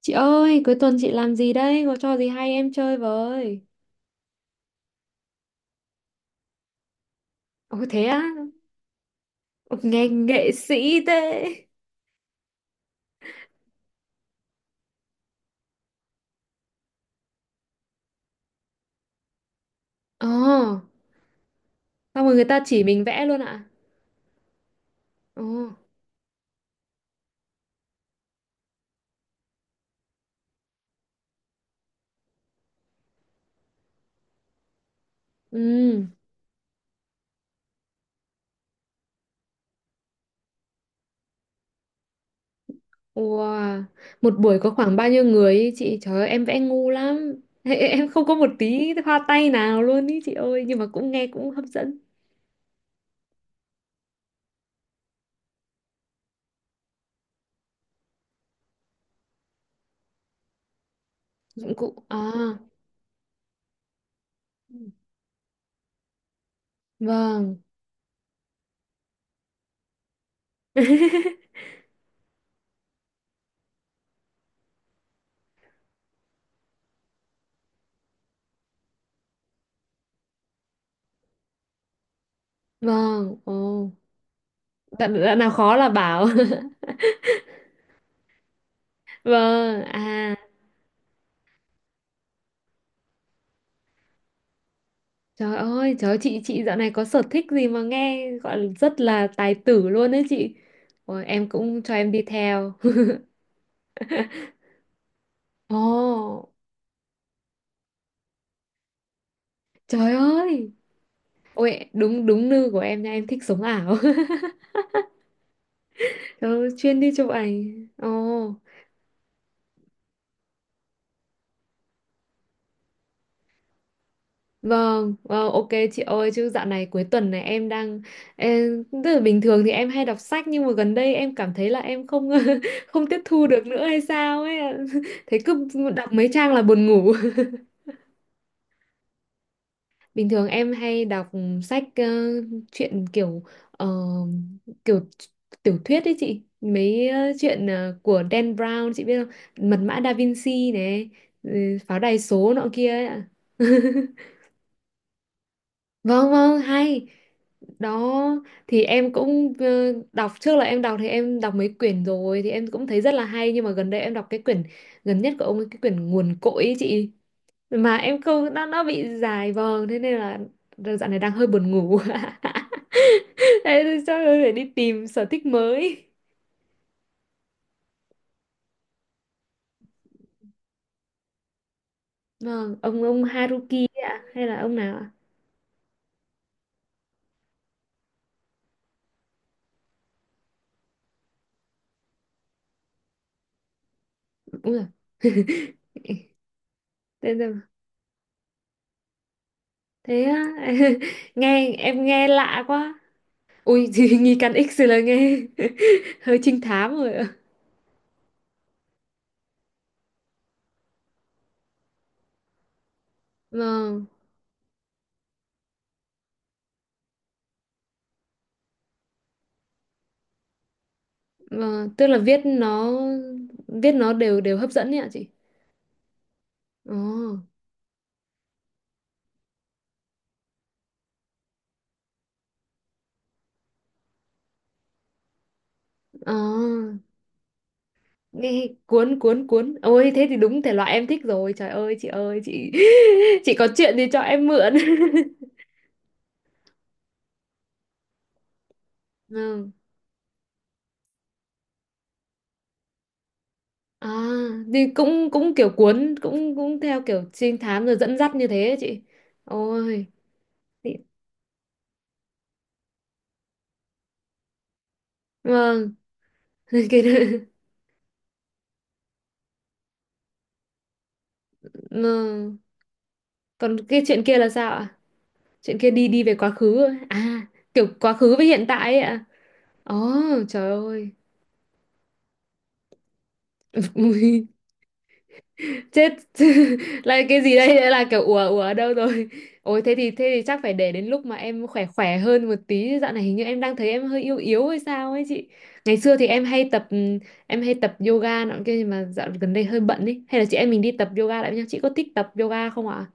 Chị ơi, cuối tuần chị làm gì đây? Có trò gì hay em chơi với? Ồ, thế á. Ồ, nghe nghệ sĩ thế. Ồ, xong rồi người ta chỉ mình vẽ luôn ạ. Ồ, ừ, wow. Một buổi có khoảng bao nhiêu người ý chị? Trời ơi, em vẽ ngu lắm. Em không có một tí hoa tay nào luôn ý chị ơi, nhưng mà cũng nghe cũng hấp dẫn. Dụng cụ. À, vâng. Vâng, ồ. Đoạn nào khó là bảo. Vâng, à. Trời ơi, chị dạo này có sở thích gì mà nghe gọi là rất là tài tử luôn đấy chị. Ôi, em cũng cho em đi theo. Ồ, trời ơi. Ôi, đúng đúng nư của em nha, em thích sống ảo. Trời ơi, chuyên đi chụp ảnh. Ồ, vâng, ok chị ơi, chứ dạo này cuối tuần này tức là bình thường thì em hay đọc sách nhưng mà gần đây em cảm thấy là em không không tiếp thu được nữa hay sao ấy. Thấy cứ đọc mấy trang là buồn ngủ. Bình thường em hay đọc sách, truyện ờ, kiểu tiểu thuyết đấy chị. Mấy, chuyện, của Dan Brown chị biết không? Mật mã Da Vinci này, ừ, pháo đài số nọ kia ấy ạ. Vâng, vâng, hay. Đó thì em cũng, đọc, trước là em đọc thì em đọc mấy quyển rồi thì em cũng thấy rất là hay nhưng mà gần đây em đọc cái quyển gần nhất của ông ấy, cái quyển nguồn cội ấy chị, mà em không, nó bị dài vòng thế nên là đợt dạo này đang hơi buồn ngủ. Thế thì chắc là phải đi tìm sở thích mới. Vâng, ông Haruki ấy ạ hay là ông nào ạ? Đúng rồi. Tên rồi, thế á. Em nghe lạ quá. Ui. Thì nghi can X rồi là nghe. Hơi trinh thám rồi ạ. Vâng, vâng, tức là viết nó đều đều hấp dẫn ấy ạ chị. Ồ, ồ. Ê, cuốn cuốn cuốn, ôi thế thì đúng thể loại em thích rồi, trời ơi, chị ơi chị. Chị có chuyện gì cho em mượn. Ừ. À thì cũng cũng kiểu cuốn, cũng cũng theo kiểu trinh thám rồi dẫn dắt như thế ấy chị. Ôi, thì- vâng. cái vâng. Còn cái chuyện kia là sao ạ? Chuyện kia đi đi về quá khứ à? Kiểu quá khứ với hiện tại ấy ạ. Ồ, trời ơi. Chết. Là cái gì đây? Đã là kiểu ủa, ủa ở đâu rồi. Ôi thế thì chắc phải để đến lúc mà em khỏe khỏe hơn một tí, dạo này hình như em đang thấy em hơi yếu yếu hay sao ấy chị. Ngày xưa thì em hay tập yoga nọ kia nhưng mà dạo gần đây hơi bận ấy, hay là chị em mình đi tập yoga lại với nhau, chị có thích tập yoga không ạ?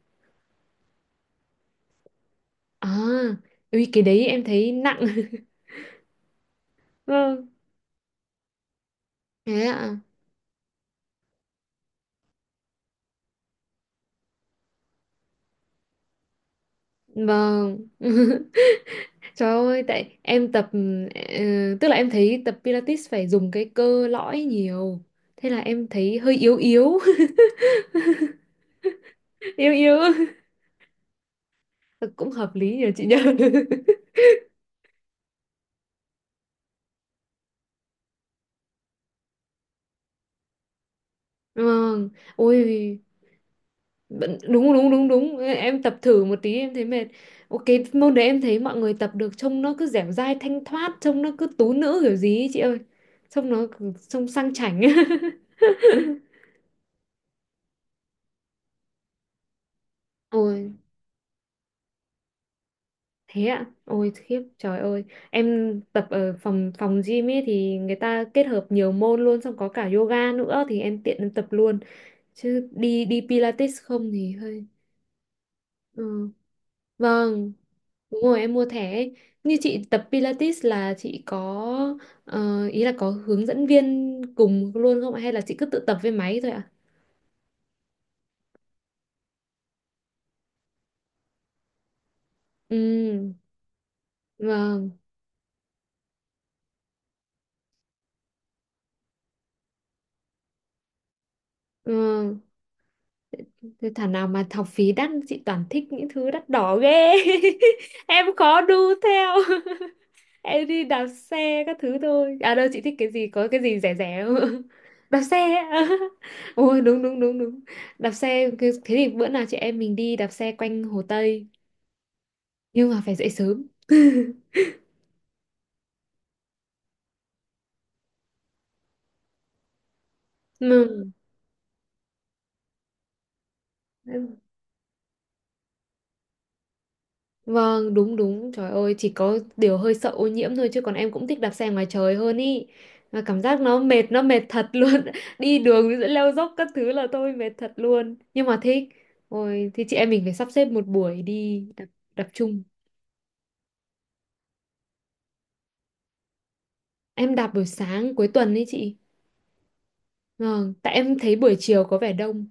À, ui cái đấy em thấy nặng. Vâng, thế ạ. Vâng. Trời ơi, tại em tập, ờ, tức là em thấy tập Pilates phải dùng cái cơ lõi nhiều. Thế là em thấy hơi yếu yếu. Yếu yếu. Ừ, cũng hợp lý nhờ chị nhờ. Vâng. Ôi, đúng đúng đúng đúng, em tập thử một tí em thấy mệt. Ok, môn đấy em thấy mọi người tập được trông nó cứ dẻo dai thanh thoát, trông nó cứ tú nữ kiểu gì ấy, chị ơi. Trông nó trông sang chảnh. Ôi, thế ạ? Ôi khiếp, trời ơi. Em tập ở phòng phòng gym ấy thì người ta kết hợp nhiều môn luôn, xong có cả yoga nữa thì em tiện em tập luôn. Chứ đi đi Pilates không thì hơi. Ừ. Vâng, đúng rồi em mua thẻ ấy. Như chị tập Pilates là chị có, ý là có hướng dẫn viên cùng luôn không ạ? Hay là chị cứ tự tập với máy thôi ạ? Ừ, vâng. Ừ. Thế thảo nào mà học phí đắt, chị toàn thích những thứ đắt đỏ ghê. Em khó đu theo. Em đi đạp xe các thứ thôi, à đâu chị thích cái gì, có cái gì rẻ rẻ không? Đạp xe á. Ôi đúng đúng đúng đúng, đạp xe thế thì bữa nào chị em mình đi đạp xe quanh Hồ Tây, nhưng mà phải dậy sớm. Ừ. Vâng, đúng đúng. Trời ơi, chỉ có điều hơi sợ ô nhiễm thôi, chứ còn em cũng thích đạp xe ngoài trời hơn ý. Mà cảm giác nó mệt thật luôn. Đi đường giữa leo dốc các thứ là tôi mệt thật luôn. Nhưng mà thích. Ôi, thì chị em mình phải sắp xếp một buổi đi đạp, đạp chung. Em đạp buổi sáng cuối tuần ấy chị. Vâng, tại em thấy buổi chiều có vẻ đông.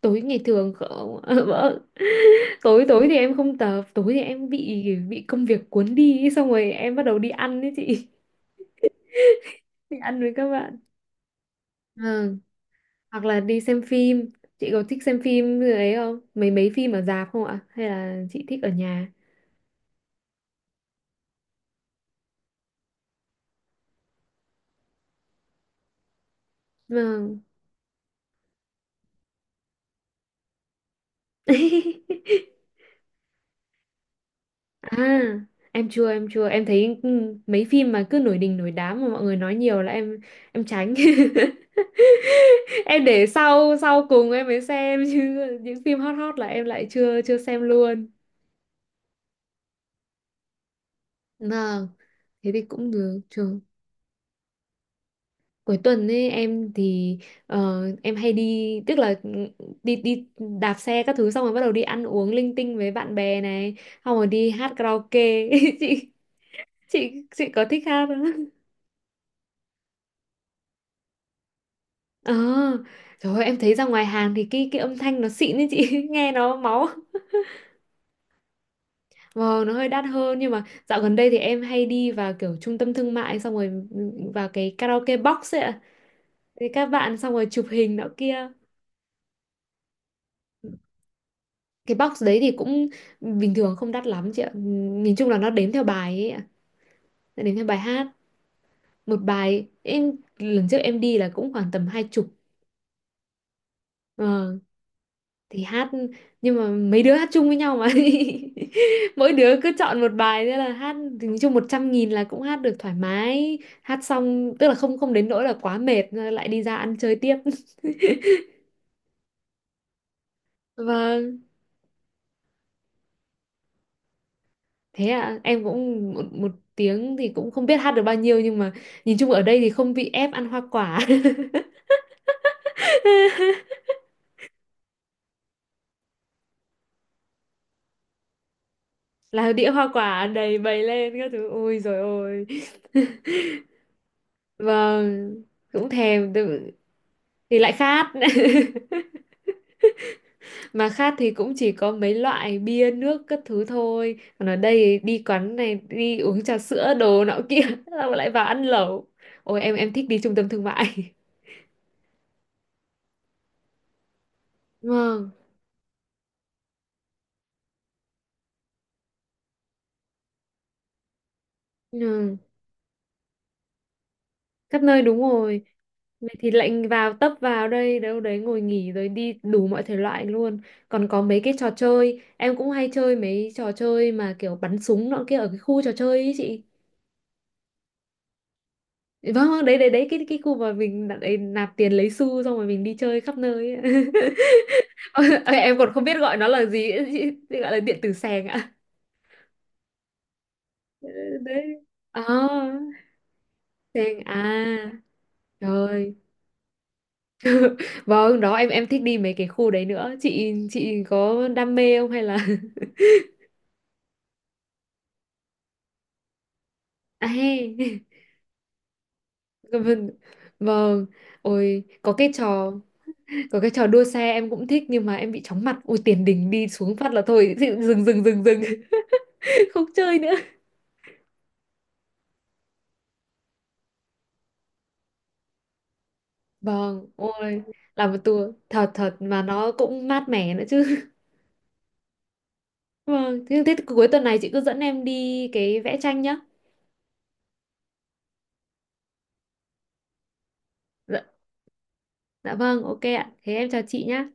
Tối ngày thường không. Vâng. Tối tối thì em không tập, tối thì em bị công việc cuốn đi ý, xong rồi em bắt đầu đi ăn ấy chị. Đi ăn với các bạn. Ờ, hoặc là đi xem phim. Chị có thích xem phim như ấy không, mấy mấy phim ở rạp không ạ, hay là chị thích ở nhà? Vâng. À em chưa em thấy, mấy phim mà cứ nổi đình nổi đám mà mọi người nói nhiều là em tránh. Em để sau sau cùng em mới xem chứ, những phim hot hot là em lại chưa chưa xem luôn. Vâng, thế thì cũng được chưa. Cuối tuần ấy em thì, em hay đi, tức là, đi đi đạp xe các thứ, xong rồi bắt đầu đi ăn uống linh tinh với bạn bè này, xong rồi đi hát karaoke. Chị chị có thích hát không? Ờ. Trời ơi, em thấy ra ngoài hàng thì cái âm thanh nó xịn ấy chị, nghe nó máu. Vâng, nó hơi đắt hơn nhưng mà dạo gần đây thì em hay đi vào kiểu trung tâm thương mại xong rồi, vào cái karaoke box ấy ạ. Thì các bạn xong rồi chụp hình nọ kia. Cái box đấy thì cũng bình thường không đắt lắm chị ạ. Nhìn chung là nó đếm theo bài ấy ạ. Nó đếm theo bài hát, một bài em lần trước em đi là cũng khoảng tầm 20. Ờ, thì hát, nhưng mà mấy đứa hát chung với nhau mà, mỗi đứa cứ chọn một bài thế là hát, thì nói chung 100.000 là cũng hát được thoải mái, hát xong tức là không không đến nỗi là quá mệt rồi lại đi ra ăn chơi tiếp. Vâng. Thế à, em cũng một tiếng thì cũng không biết hát được bao nhiêu nhưng mà nhìn chung ở đây thì không bị ép ăn hoa quả. Là đĩa hoa quả đầy bày lên các thứ. Ôi rồi ôi. Vâng, cũng thèm, thì lại khát. Mà khát thì cũng chỉ có mấy loại bia nước các thứ thôi. Còn ở đây đi quán này đi uống trà sữa đồ nọ kia, xong lại vào ăn lẩu. Ôi em thích đi trung tâm thương mại. Vâng. Ừ. Khắp nơi đúng rồi. Vậy thì lệnh vào tấp vào đây đâu đấy ngồi nghỉ rồi đi đủ mọi thể loại luôn. Còn có mấy cái trò chơi em cũng hay chơi, mấy trò chơi mà kiểu bắn súng nọ kia ở cái khu trò chơi ấy chị. Vâng, vâng, đấy đấy đấy, cái khu mà mình đặt ấy, nạp tiền lấy xu xong rồi mình đi chơi khắp nơi ấy. Ờ, em còn không biết gọi nó là gì ấy, chị. Chị gọi là điện tử sèng ạ? Ừ, đấy. À, sèng à, trời. Vâng, đó em thích đi mấy cái khu đấy nữa. Chị có đam mê không hay là. À he. Vâng. Vâng. Vâng. Ôi, có cái trò đua xe em cũng thích nhưng mà em bị chóng mặt. Ôi tiền đình đi xuống phát là thôi, dừng dừng dừng dừng dừng. Không chơi nữa. Vâng, ôi làm một tour thật thật mà nó cũng mát mẻ nữa chứ. Vâng, thế cuối tuần này chị cứ dẫn em đi cái vẽ tranh nhá. Dạ, dạ vâng, ok ạ. Thế em chào chị nhá.